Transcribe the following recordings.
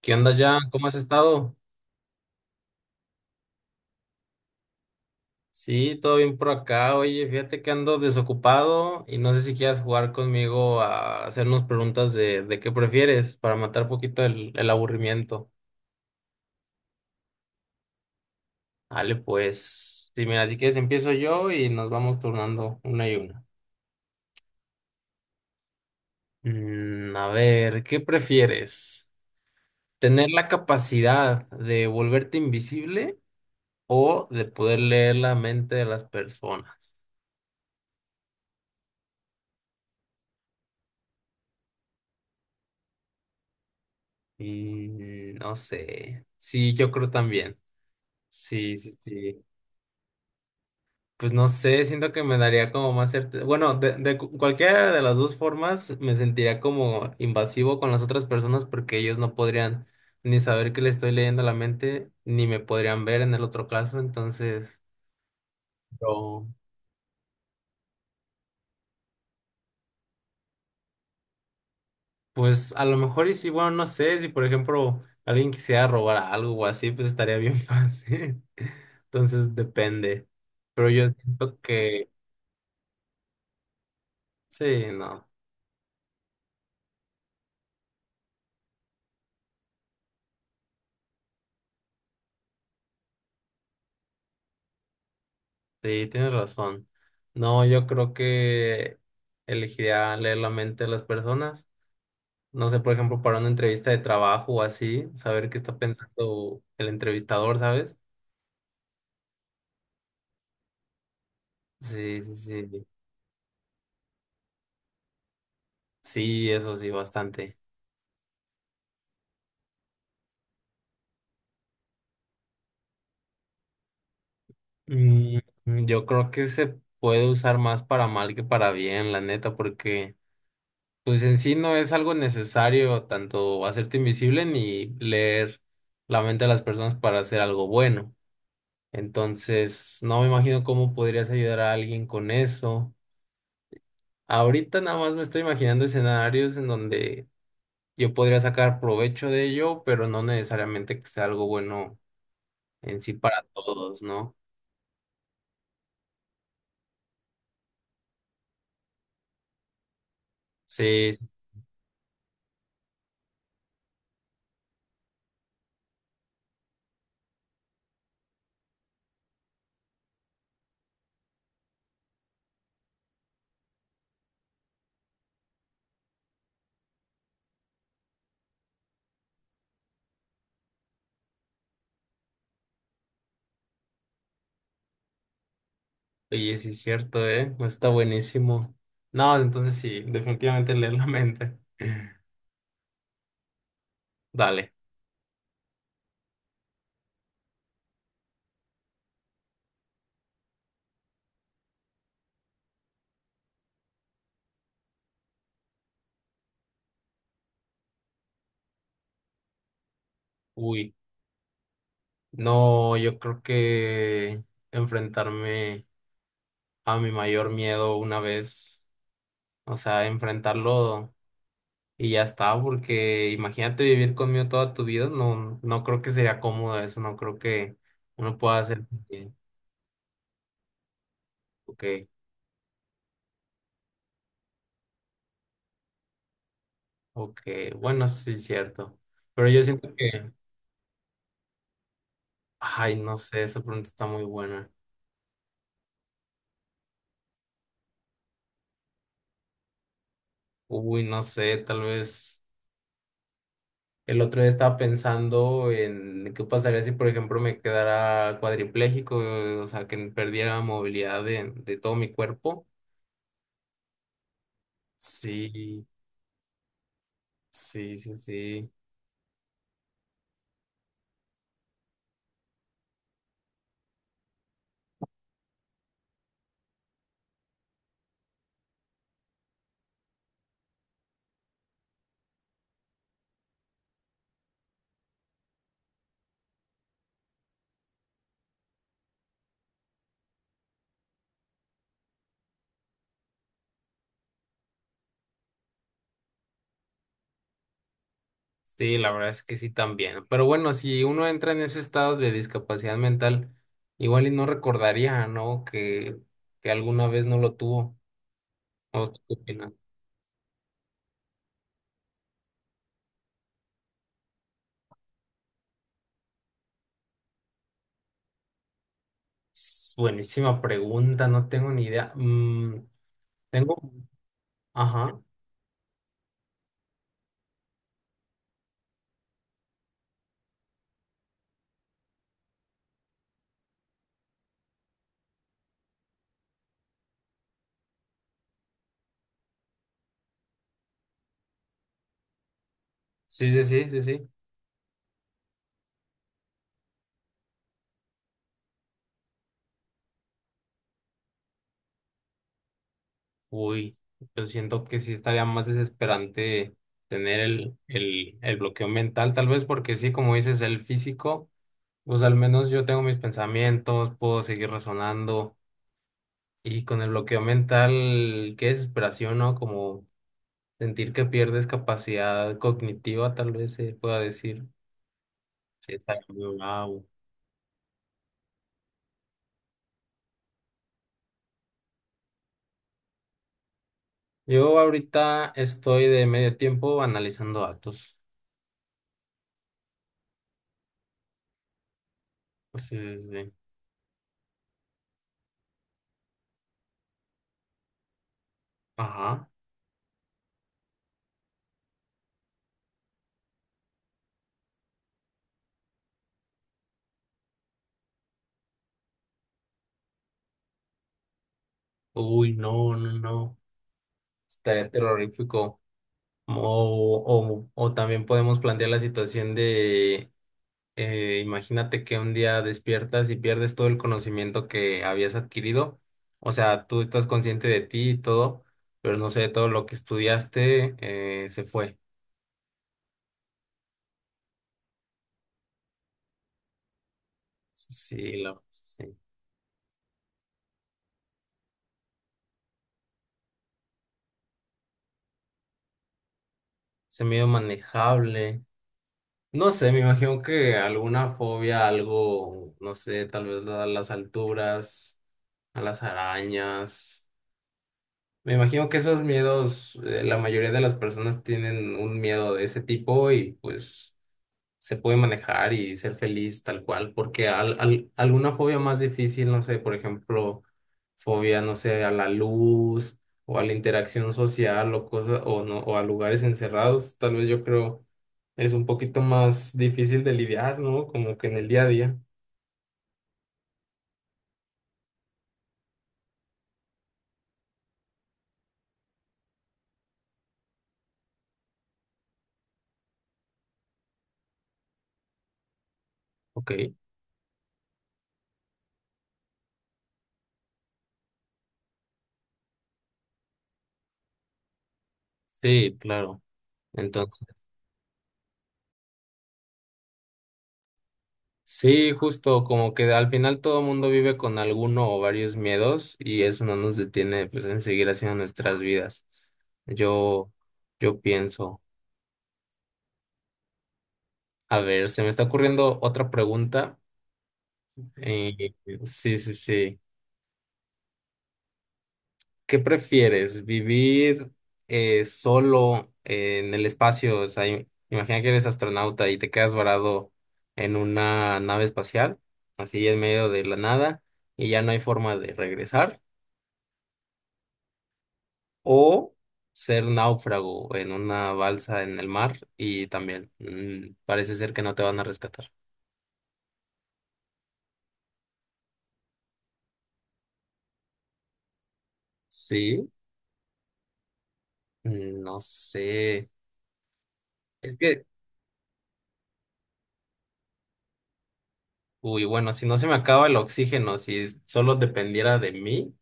¿Qué onda, Jan? ¿Cómo has estado? Sí, todo bien por acá. Oye, fíjate que ando desocupado y no sé si quieras jugar conmigo a hacernos preguntas de qué prefieres para matar poquito el aburrimiento. Vale, pues, sí, mira, si quieres empiezo yo y nos vamos turnando una y una. A ver, ¿qué prefieres? ¿Tener la capacidad de volverte invisible o de poder leer la mente de las personas? No sé. Sí, yo creo también. Sí, sí, sí. Pues no sé, siento que me daría como más certeza. Bueno, cualquiera de las dos formas me sentiría como invasivo con las otras personas porque ellos no podrían ni saber que le estoy leyendo la mente, ni me podrían ver en el otro caso. Entonces, yo, pues a lo mejor y sí, bueno, no sé, si por ejemplo alguien quisiera robar algo o así, pues estaría bien fácil. Entonces, depende. Pero yo siento que sí, no. Sí, tienes razón. No, yo creo que elegiría leer la mente de las personas. No sé, por ejemplo, para una entrevista de trabajo o así, saber qué está pensando el entrevistador, ¿sabes? Sí, sí, sí. Sí, eso sí, bastante. Mm, yo creo que se puede usar más para mal que para bien, la neta, porque pues en sí no es algo necesario tanto hacerte invisible ni leer la mente de las personas para hacer algo bueno. Entonces, no me imagino cómo podrías ayudar a alguien con eso. Ahorita nada más me estoy imaginando escenarios en donde yo podría sacar provecho de ello, pero no necesariamente que sea algo bueno en sí para todos, ¿no? Sí, sí, oye, sí es cierto, ¿eh? Pues está buenísimo. No, entonces sí, definitivamente leer la mente. Dale. Uy, no, yo creo que enfrentarme a mi mayor miedo una vez, o sea, enfrentarlo. Y ya está, porque imagínate vivir conmigo toda tu vida, no, no creo que sería cómodo eso, no creo que uno pueda hacer. Ok, ok, bueno, eso sí es cierto. Pero yo siento que, ay, no sé, esa pregunta está muy buena. Uy, no sé, tal vez el otro día estaba pensando en qué pasaría si, por ejemplo, me quedara cuadripléjico, o sea, que perdiera movilidad de todo mi cuerpo. Sí, sí, sí, sí. Sí, la verdad es que sí también. Pero bueno, si uno entra en ese estado de discapacidad mental, igual y no recordaría, ¿no? Que alguna vez no lo tuvo. ¿O tú qué opinas? S- Buenísima pregunta, no tengo ni idea. Mm, tengo, ajá. Sí, sí, sí, sí, sí. Uy, yo siento que sí estaría más desesperante tener el bloqueo mental, tal vez porque sí, como dices, el físico, pues al menos yo tengo mis pensamientos, puedo seguir razonando. Y con el bloqueo mental, qué desesperación, ¿no? Como sentir que pierdes capacidad cognitiva, tal vez se pueda decir. Sí, está muy bravo. Yo ahorita estoy de medio tiempo analizando datos. Sí, sí, sí. Ajá. Uy, no, no, no. Estaría terrorífico. O también podemos plantear la situación de imagínate que un día despiertas y pierdes todo el conocimiento que habías adquirido. O sea, tú estás consciente de ti y todo, pero no sé, todo lo que estudiaste se fue. Sí, lo, sí. Ese miedo manejable. No sé, me imagino que alguna fobia, algo, no sé, tal vez a las alturas, a las arañas. Me imagino que esos miedos, la mayoría de las personas tienen un miedo de ese tipo y pues se puede manejar y ser feliz tal cual, porque alguna fobia más difícil, no sé, por ejemplo, fobia, no sé, a la luz o a la interacción social o cosas, o no, o a lugares encerrados, tal vez yo creo es un poquito más difícil de lidiar, ¿no? Como que en el día a día. Ok. Sí, claro. Entonces. Sí, justo, como que al final todo mundo vive con alguno o varios miedos y eso no nos detiene pues en seguir haciendo nuestras vidas. Yo, yo pienso, a ver, se me está ocurriendo otra pregunta. Eh, sí, sí, sí. ¿Qué prefieres? ¿Vivir solo en el espacio? O sea, imagina que eres astronauta y te quedas varado en una nave espacial, así en medio de la nada, y ya no hay forma de regresar. O ser náufrago en una balsa en el mar y también parece ser que no te van a rescatar. Sí, no sé. Es que, uy, bueno, si no se me acaba el oxígeno, si solo dependiera de mí,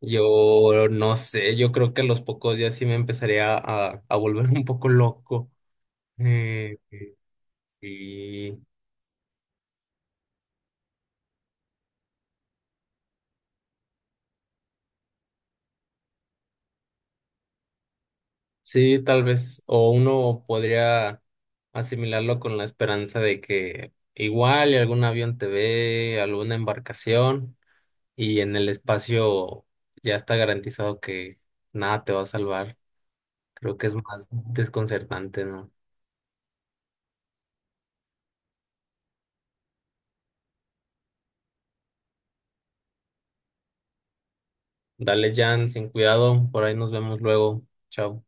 yo no sé, yo creo que a los pocos días sí me empezaría a volver un poco loco. Eh, sí. Sí, tal vez, o uno podría asimilarlo con la esperanza de que igual y algún avión te ve, alguna embarcación, y en el espacio ya está garantizado que nada te va a salvar. Creo que es más desconcertante, ¿no? Dale, Jan, sin cuidado, por ahí nos vemos luego. Chao.